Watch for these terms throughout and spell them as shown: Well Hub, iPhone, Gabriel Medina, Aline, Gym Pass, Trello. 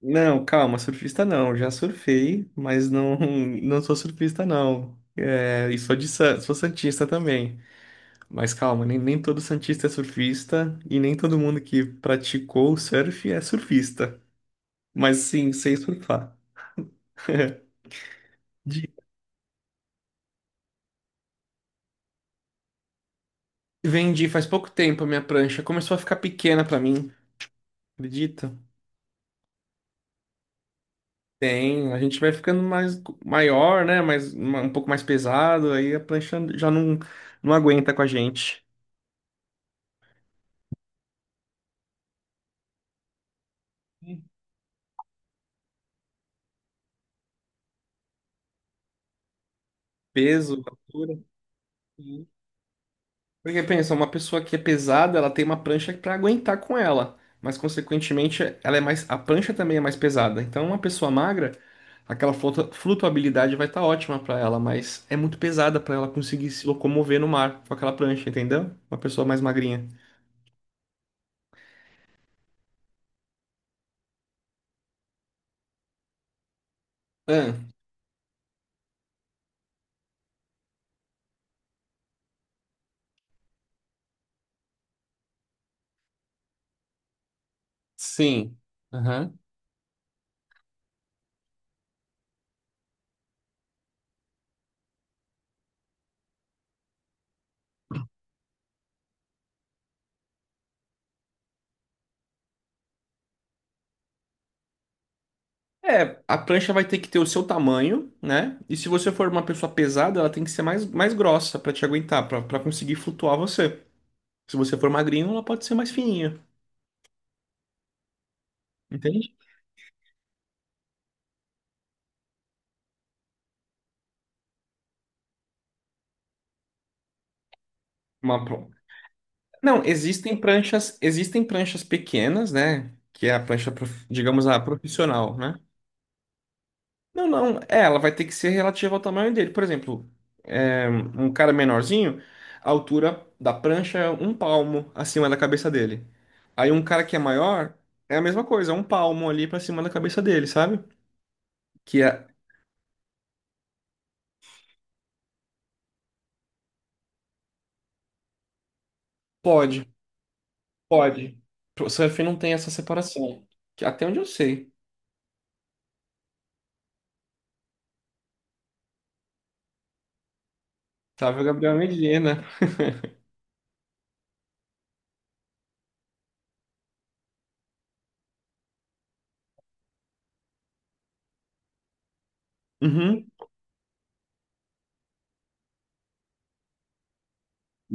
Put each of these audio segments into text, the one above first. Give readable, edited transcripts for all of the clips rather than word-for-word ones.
Não, calma, surfista não. Já surfei, mas não, não sou surfista não. É, e sou de sou santista também. Mas calma, nem todo santista é surfista e nem todo mundo que praticou o surf é surfista. Mas sim, sei surfar. De- Vendi faz pouco tempo a minha prancha, começou a ficar pequena pra mim, acredita? Tem, a gente vai ficando mais maior, né? Mais, um pouco mais pesado, aí a prancha já não aguenta com a gente. Peso, altura. Sim. Porque pensa, uma pessoa que é pesada, ela tem uma prancha para aguentar com ela, mas consequentemente ela é mais, a prancha também é mais pesada. Então uma pessoa magra, aquela flutuabilidade vai estar ótima para ela, mas é muito pesada para ela conseguir se locomover no mar com aquela prancha, entendeu? Uma pessoa mais magrinha. Ah, sim. Aham. É, a prancha vai ter que ter o seu tamanho, né? E se você for uma pessoa pesada, ela tem que ser mais grossa para te aguentar, para conseguir flutuar você. Se você for magrinho, ela pode ser mais fininha. Entende? Uma pro- Não, existem pranchas pequenas, né? Que é a prancha, digamos, a profissional, né? Não, não, é, ela vai ter que ser relativa ao tamanho dele. Por exemplo, é, um cara menorzinho, a altura da prancha é um palmo acima da cabeça dele. Aí um cara que é maior, é a mesma coisa, é um palmo ali pra cima da cabeça dele, sabe? Que é, pode, pode. O surf não tem essa separação. Que até onde eu sei, tá? Viu, Gabriel Medina. Uhum.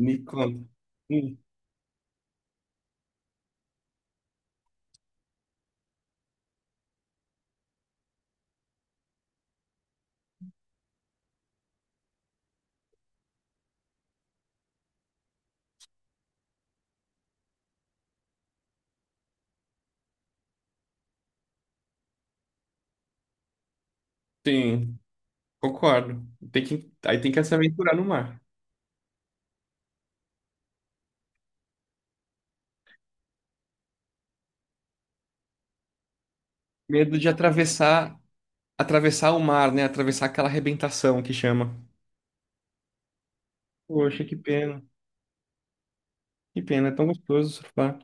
Me conta. Hum, Sim, concordo. Aí tem que se aventurar no mar. Medo de atravessar, atravessar o mar, né? Atravessar aquela arrebentação que chama. Poxa, que pena. Que pena, é tão gostoso surfar.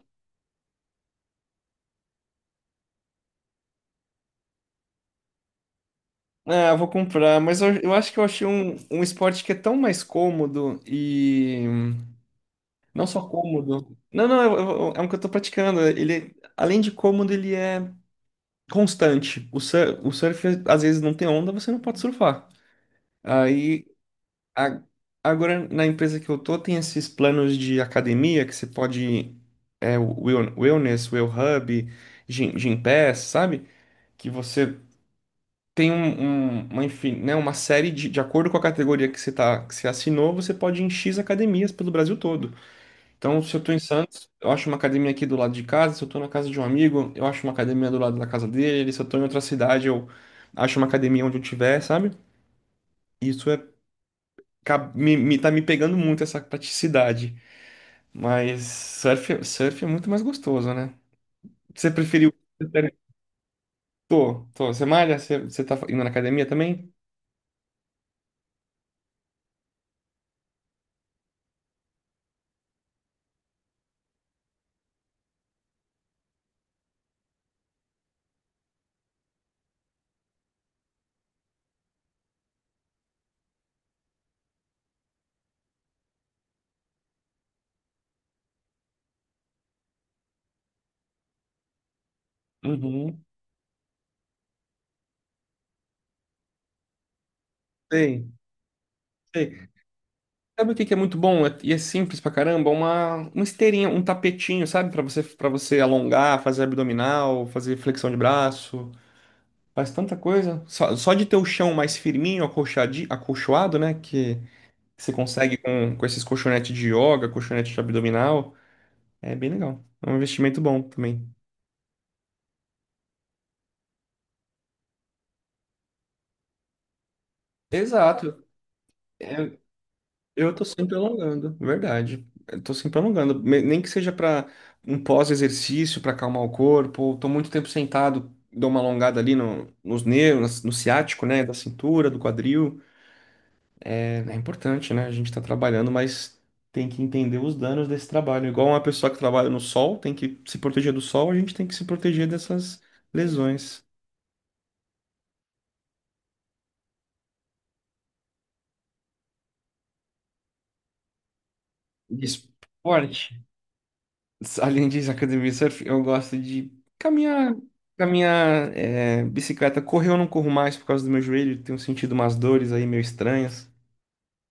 Ah, eu vou comprar, mas eu acho que eu achei um esporte que é tão mais cômodo e não só cômodo. Não, não, é um que eu tô praticando. Ele, além de cômodo, ele é constante. O surf, às vezes, não tem onda, você não pode surfar. Aí A- Agora, na empresa que eu tô, tem esses planos de academia que você pode. É, o Wellness, Well Hub, Gym Pass, sabe? Que você tem uma, enfim, né, uma série de acordo com a categoria que que você assinou, você pode ir em X academias pelo Brasil todo. Então, se eu tô em Santos, eu acho uma academia aqui do lado de casa. Se eu tô na casa de um amigo, eu acho uma academia do lado da casa dele. Se eu tô em outra cidade, eu acho uma academia onde eu tiver, sabe? Isso é, me, tá me pegando muito essa praticidade. Mas surf é muito mais gostoso, né? Você preferiu. Tô, tô. Você malha? Você tá indo na academia também? Uhum. Sei, sei. Sabe o que que é muito bom? É- E é simples pra caramba? Uma esteirinha, um tapetinho, sabe? Para você alongar, fazer abdominal, fazer flexão de braço. Faz tanta coisa. Só de ter o chão mais firminho, acolchoado, né? Que você consegue com esses colchonetes de yoga, colchonete de abdominal. É bem legal. É um investimento bom também. Exato. É, eu tô sempre alongando, verdade. Eu tô sempre alongando, nem que seja para um pós-exercício, para acalmar o corpo, ou tô muito tempo sentado, dou uma alongada ali nos nervos, no ciático, né, da cintura, do quadril. É, é importante, né? A gente tá trabalhando, mas tem que entender os danos desse trabalho. Igual uma pessoa que trabalha no sol, tem que se proteger do sol, a gente tem que se proteger dessas lesões. De esporte. Além disso, academia e surf, eu gosto de caminhar, caminhar, é, bicicleta. Correr eu não corro mais por causa do meu joelho, tenho sentido umas dores aí meio estranhas.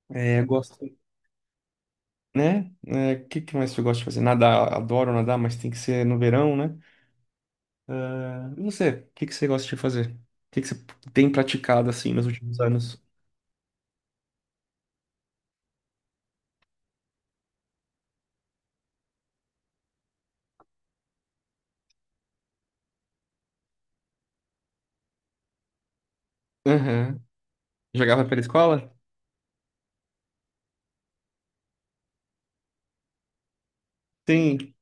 É, gosto, né? É, o que que mais eu gosto de fazer? Nadar, adoro nadar, mas tem que ser no verão, né? Ah, e você, o que que você gosta de fazer? O que que você tem praticado assim nos últimos anos? Aham. Jogava pela escola? Sim,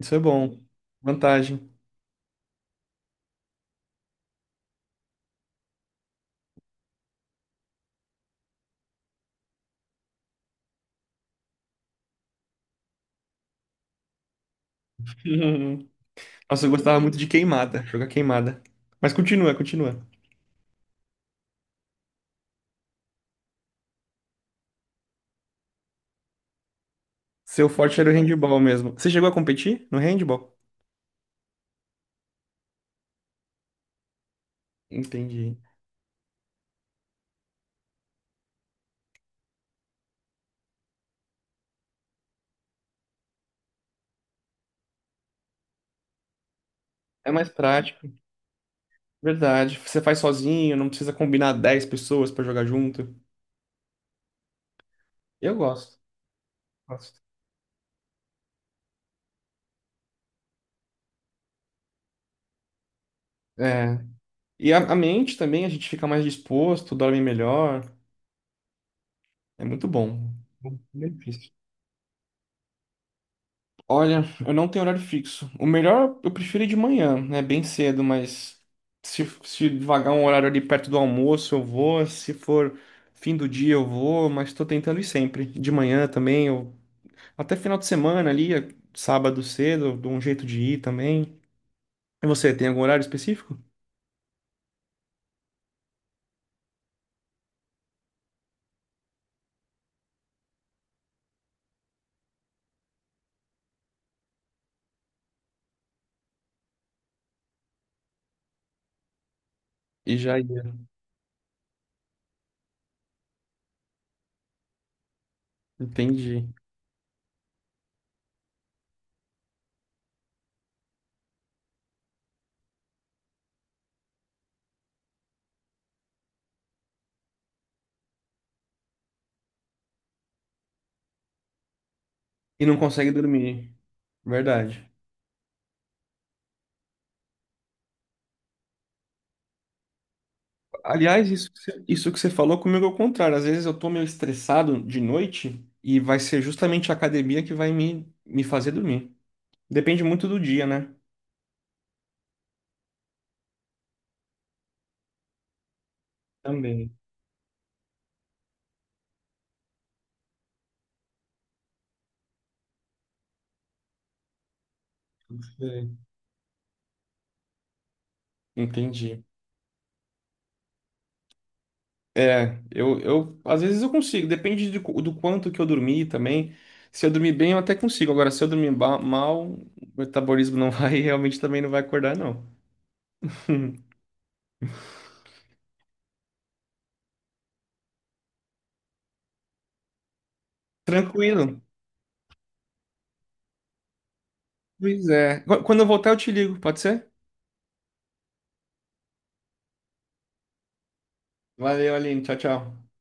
isso é bom. Vantagem. Nossa, eu gostava muito de queimada, jogar queimada. Mas continua, continua. Seu forte era o handball mesmo. Você chegou a competir no handball? Entendi. É mais prático, verdade. Você faz sozinho, não precisa combinar 10 pessoas pra jogar junto. Eu gosto. Gosto. É. E a mente também, a gente fica mais disposto, dorme melhor. É muito bom. Bom benefício. Olha, eu não tenho horário fixo. O melhor eu prefiro ir de manhã, né? Bem cedo, mas se vagar um horário ali perto do almoço, eu vou. Se for fim do dia, eu vou, mas tô tentando ir sempre. De manhã também, eu... até final de semana ali, sábado cedo, eu dou um jeito de ir também. E você, tem algum horário específico? E já ia. Entendi. E não consegue dormir. Verdade. Aliás, isso que você falou comigo é o contrário. Às vezes eu tô meio estressado de noite e vai ser justamente a academia que vai me fazer dormir. Depende muito do dia, né? Também. É. Entendi. É, eu às vezes eu consigo, depende de quanto que eu dormi também. Se eu dormir bem, eu até consigo. Agora, se eu dormir mal, o metabolismo não vai, realmente também não vai acordar, não. Tranquilo. Pois é. Quando eu voltar, eu te ligo, pode ser? Valeu, Aline. Tchau, tchau.